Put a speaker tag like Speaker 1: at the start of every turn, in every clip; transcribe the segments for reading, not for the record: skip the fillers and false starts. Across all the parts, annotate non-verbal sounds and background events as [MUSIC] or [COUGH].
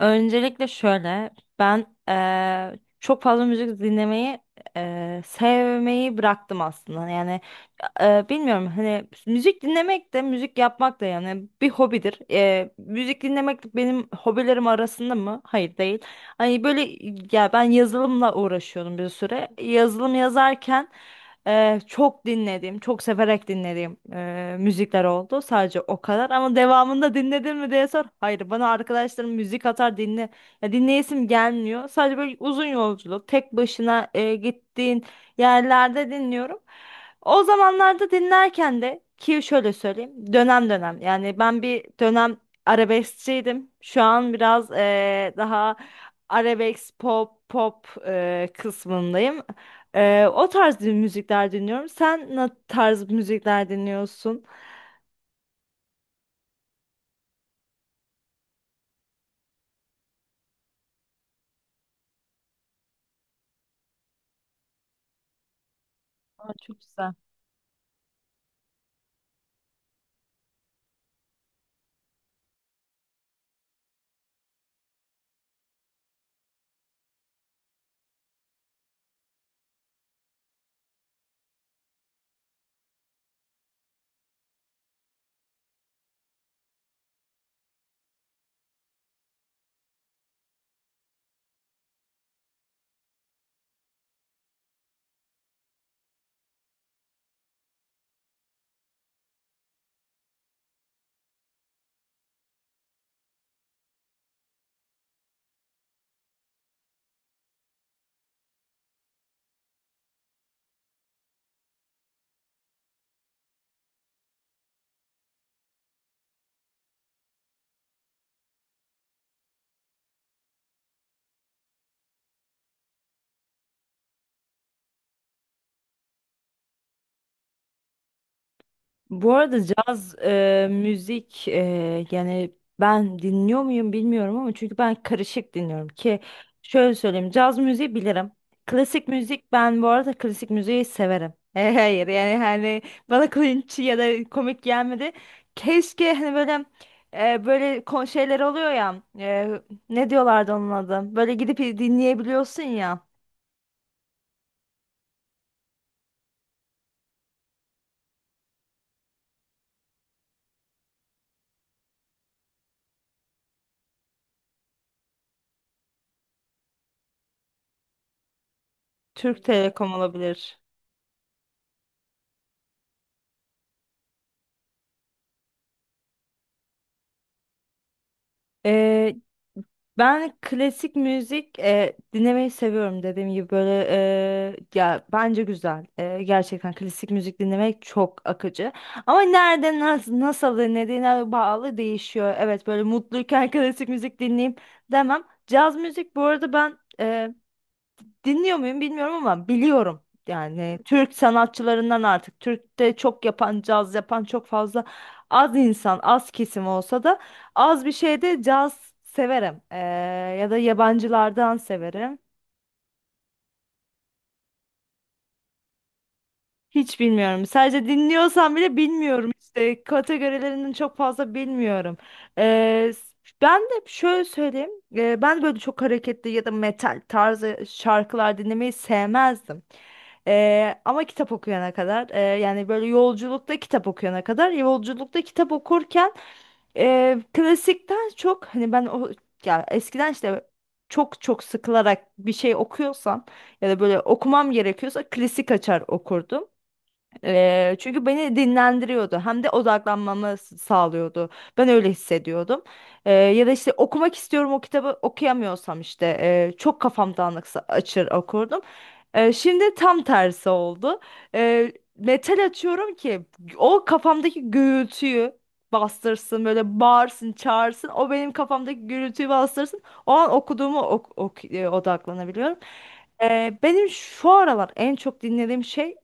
Speaker 1: Öncelikle şöyle, ben çok fazla müzik dinlemeyi sevmeyi bıraktım aslında. Yani bilmiyorum hani müzik dinlemek de müzik yapmak da yani bir hobidir. Müzik dinlemek de benim hobilerim arasında mı? Hayır değil. Hani böyle ya ben yazılımla uğraşıyordum bir süre. Yazılım yazarken. Çok dinledim, çok severek dinlediğim müzikler oldu. Sadece o kadar. Ama devamında dinledin mi diye sor. Hayır, bana arkadaşlarım müzik atar dinle. Ya dinleyesim gelmiyor. Sadece böyle uzun yolculuk, tek başına gittiğin yerlerde dinliyorum. O zamanlarda dinlerken de ki şöyle söyleyeyim, dönem dönem. Yani ben bir dönem arabeskçiydim. Şu an biraz daha arabesk pop pop kısmındayım. O tarz müzikler dinliyorum. Sen ne tarz müzikler dinliyorsun? Aa, çok güzel. Bu arada caz müzik yani ben dinliyor muyum bilmiyorum ama çünkü ben karışık dinliyorum ki şöyle söyleyeyim caz müziği bilirim. Klasik müzik ben bu arada klasik müziği severim. [LAUGHS] Hayır yani hani bana cringe ya da komik gelmedi. Keşke hani böyle böyle şeyler oluyor ya ne diyorlardı onun adı? Böyle gidip dinleyebiliyorsun ya. Türk Telekom olabilir. Ee, Ben klasik müzik dinlemeyi seviyorum dediğim gibi böyle ya bence güzel. Gerçekten klasik müzik dinlemek çok akıcı. Ama nerede nasıl, nasıl dinlediğine bağlı değişiyor. Evet böyle mutluyken [LAUGHS] klasik müzik dinleyeyim demem. Caz müzik bu arada ben dinliyor muyum bilmiyorum ama biliyorum. Yani Türk sanatçılarından artık Türk'te çok yapan, caz yapan çok fazla az insan, az kesim olsa da az bir şeyde caz severim. Ya da yabancılardan severim. Hiç bilmiyorum. Sadece dinliyorsam bile bilmiyorum işte. Kategorilerinin çok fazla bilmiyorum. Ee, Ben de şöyle söyleyeyim. Ben böyle çok hareketli ya da metal tarzı şarkılar dinlemeyi sevmezdim. Ama kitap okuyana kadar yani böyle yolculukta kitap okuyana kadar yolculukta kitap okurken klasikten çok hani ben o ya eskiden işte çok sıkılarak bir şey okuyorsam ya da böyle okumam gerekiyorsa klasik açar okurdum. Çünkü beni dinlendiriyordu hem de odaklanmamı sağlıyordu. Ben öyle hissediyordum. Ya da işte okumak istiyorum o kitabı okuyamıyorsam işte çok kafam dağınıksa açır okurdum. Şimdi tam tersi oldu. Metal açıyorum ki o kafamdaki gürültüyü bastırsın böyle bağırsın çağırsın o benim kafamdaki gürültüyü bastırsın o an okuduğumu odaklanabiliyorum. Benim şu aralar en çok dinlediğim şey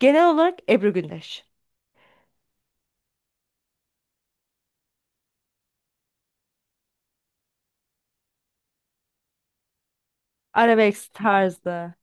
Speaker 1: genel olarak Ebru Gündeş. Arabesk tarzı.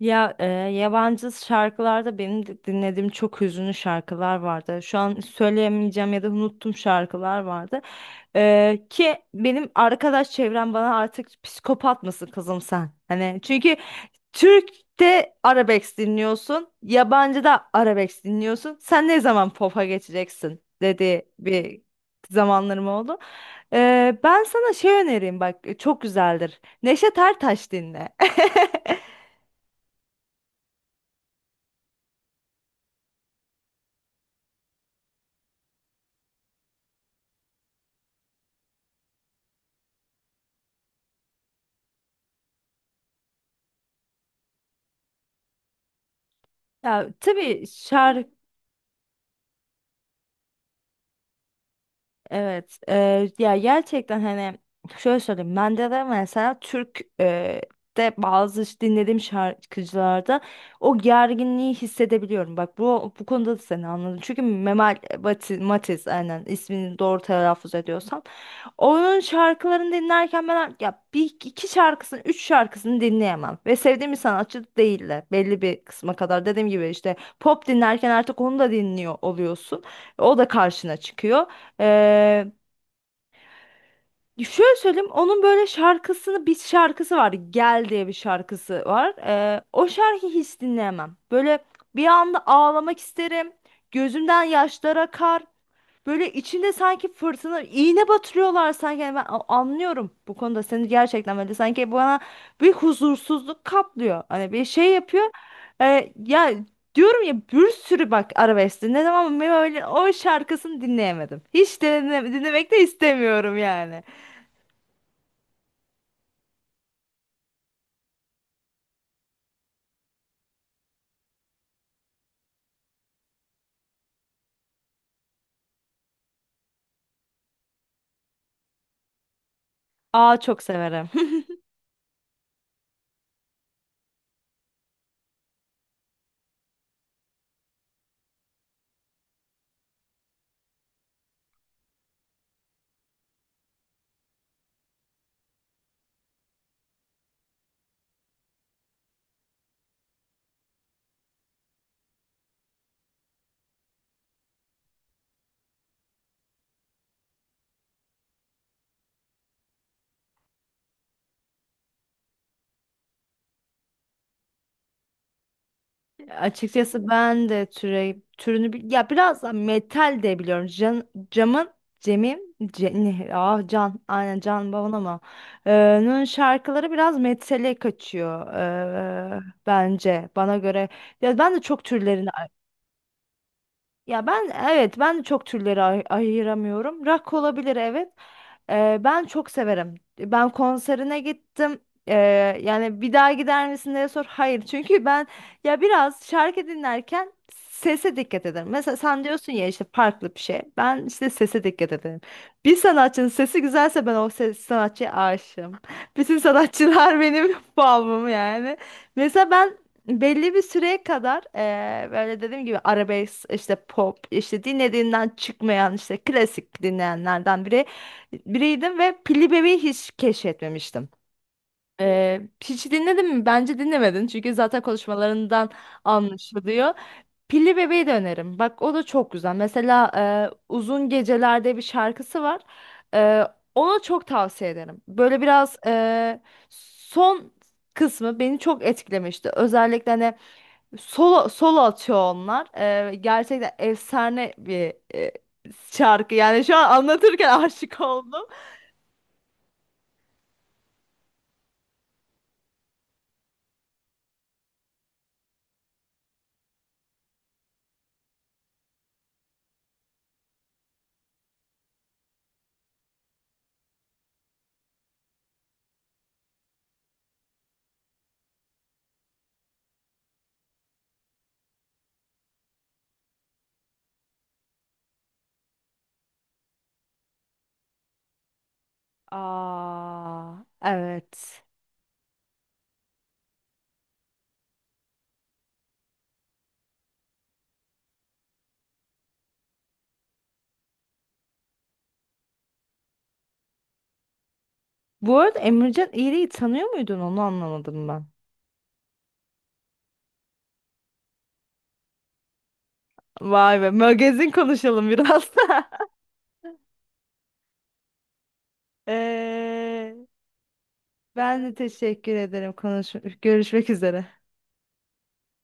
Speaker 1: Ya yabancı şarkılarda benim de dinlediğim çok hüzünlü şarkılar vardı. Şu an söyleyemeyeceğim ya da unuttum şarkılar vardı. Ki benim arkadaş çevrem bana artık psikopat mısın kızım sen? Hani çünkü Türk'te arabesk dinliyorsun, yabancıda arabesk dinliyorsun. Sen ne zaman pop'a geçeceksin dedi bir zamanlarım oldu. Ben sana şey önereyim bak çok güzeldir. Neşet Ertaş dinle. [LAUGHS] Ya, tabii şarkı. Evet, ya gerçekten hani şöyle söyleyeyim, bende de mesela Türk de bazı dinlediğim şarkıcılarda o gerginliği hissedebiliyorum. Bak bu konuda da seni anladım. Çünkü Matiz aynen ismini doğru telaffuz ediyorsam onun şarkılarını dinlerken ben ya bir iki şarkısını, üç şarkısını dinleyemem ve sevdiğim bir sanatçı değil de belli bir kısma kadar dediğim gibi işte pop dinlerken artık onu da dinliyor oluyorsun. O da karşına çıkıyor. Ee, Şöyle söyleyeyim onun böyle şarkısını bir şarkısı var Gel diye bir şarkısı var. O şarkıyı hiç dinleyemem. Böyle bir anda ağlamak isterim. Gözümden yaşlar akar. Böyle içinde sanki fırtına iğne batırıyorlar sanki. Yani ben anlıyorum bu konuda seni gerçekten, böyle sanki bana bir huzursuzluk kaplıyor. Hani bir şey yapıyor. Ya diyorum ya bir sürü bak arabesk dinledim ama ben öyle o şarkısını dinleyemedim. Hiç dinlemek de istemiyorum yani. Aa çok severim. Açıkçası ben de türe, türünü ya biraz da metal de biliyorum. Can, camın Cem'im Ce- ne, ah Can aynen Can Bavan ama Nun şarkıları biraz metale kaçıyor bence bana göre. Ya ben de çok türlerini ya ben evet ben de çok türleri ayıramıyorum. Rock olabilir evet. Ben çok severim. Ben konserine gittim. Ee, Yani bir daha gider misin diye sor. Hayır çünkü ben ya biraz şarkı dinlerken sese dikkat ederim. Mesela sen diyorsun ya işte farklı bir şey. Ben işte sese dikkat ederim. Bir sanatçının sesi güzelse ben o ses sanatçıya aşığım. Bütün sanatçılar [LAUGHS] benim bağımım yani. Mesela ben belli bir süreye kadar böyle dediğim gibi arabesk işte pop işte dinlediğinden çıkmayan işte klasik dinleyenlerden biriydim ve Pilli Bebeği hiç keşfetmemiştim. Hiç dinledin mi? Bence dinlemedin çünkü zaten konuşmalarından anlaşılıyor. Pilli Bebeği de öneririm. Bak o da çok güzel. Mesela Uzun Gecelerde bir şarkısı var. Eee, Onu çok tavsiye ederim. Böyle biraz son kısmı beni çok etkilemişti. Özellikle hani solo, solo atıyor onlar. Gerçekten efsane bir şarkı. Yani şu an anlatırken [LAUGHS] aşık oldum. Aa, evet. Bu arada Emrecan İğri'yi tanıyor muydun? Onu anlamadım ben. Vay be, magazin konuşalım biraz. [LAUGHS] Ee, Ben de teşekkür ederim. Konuş görüşmek üzere.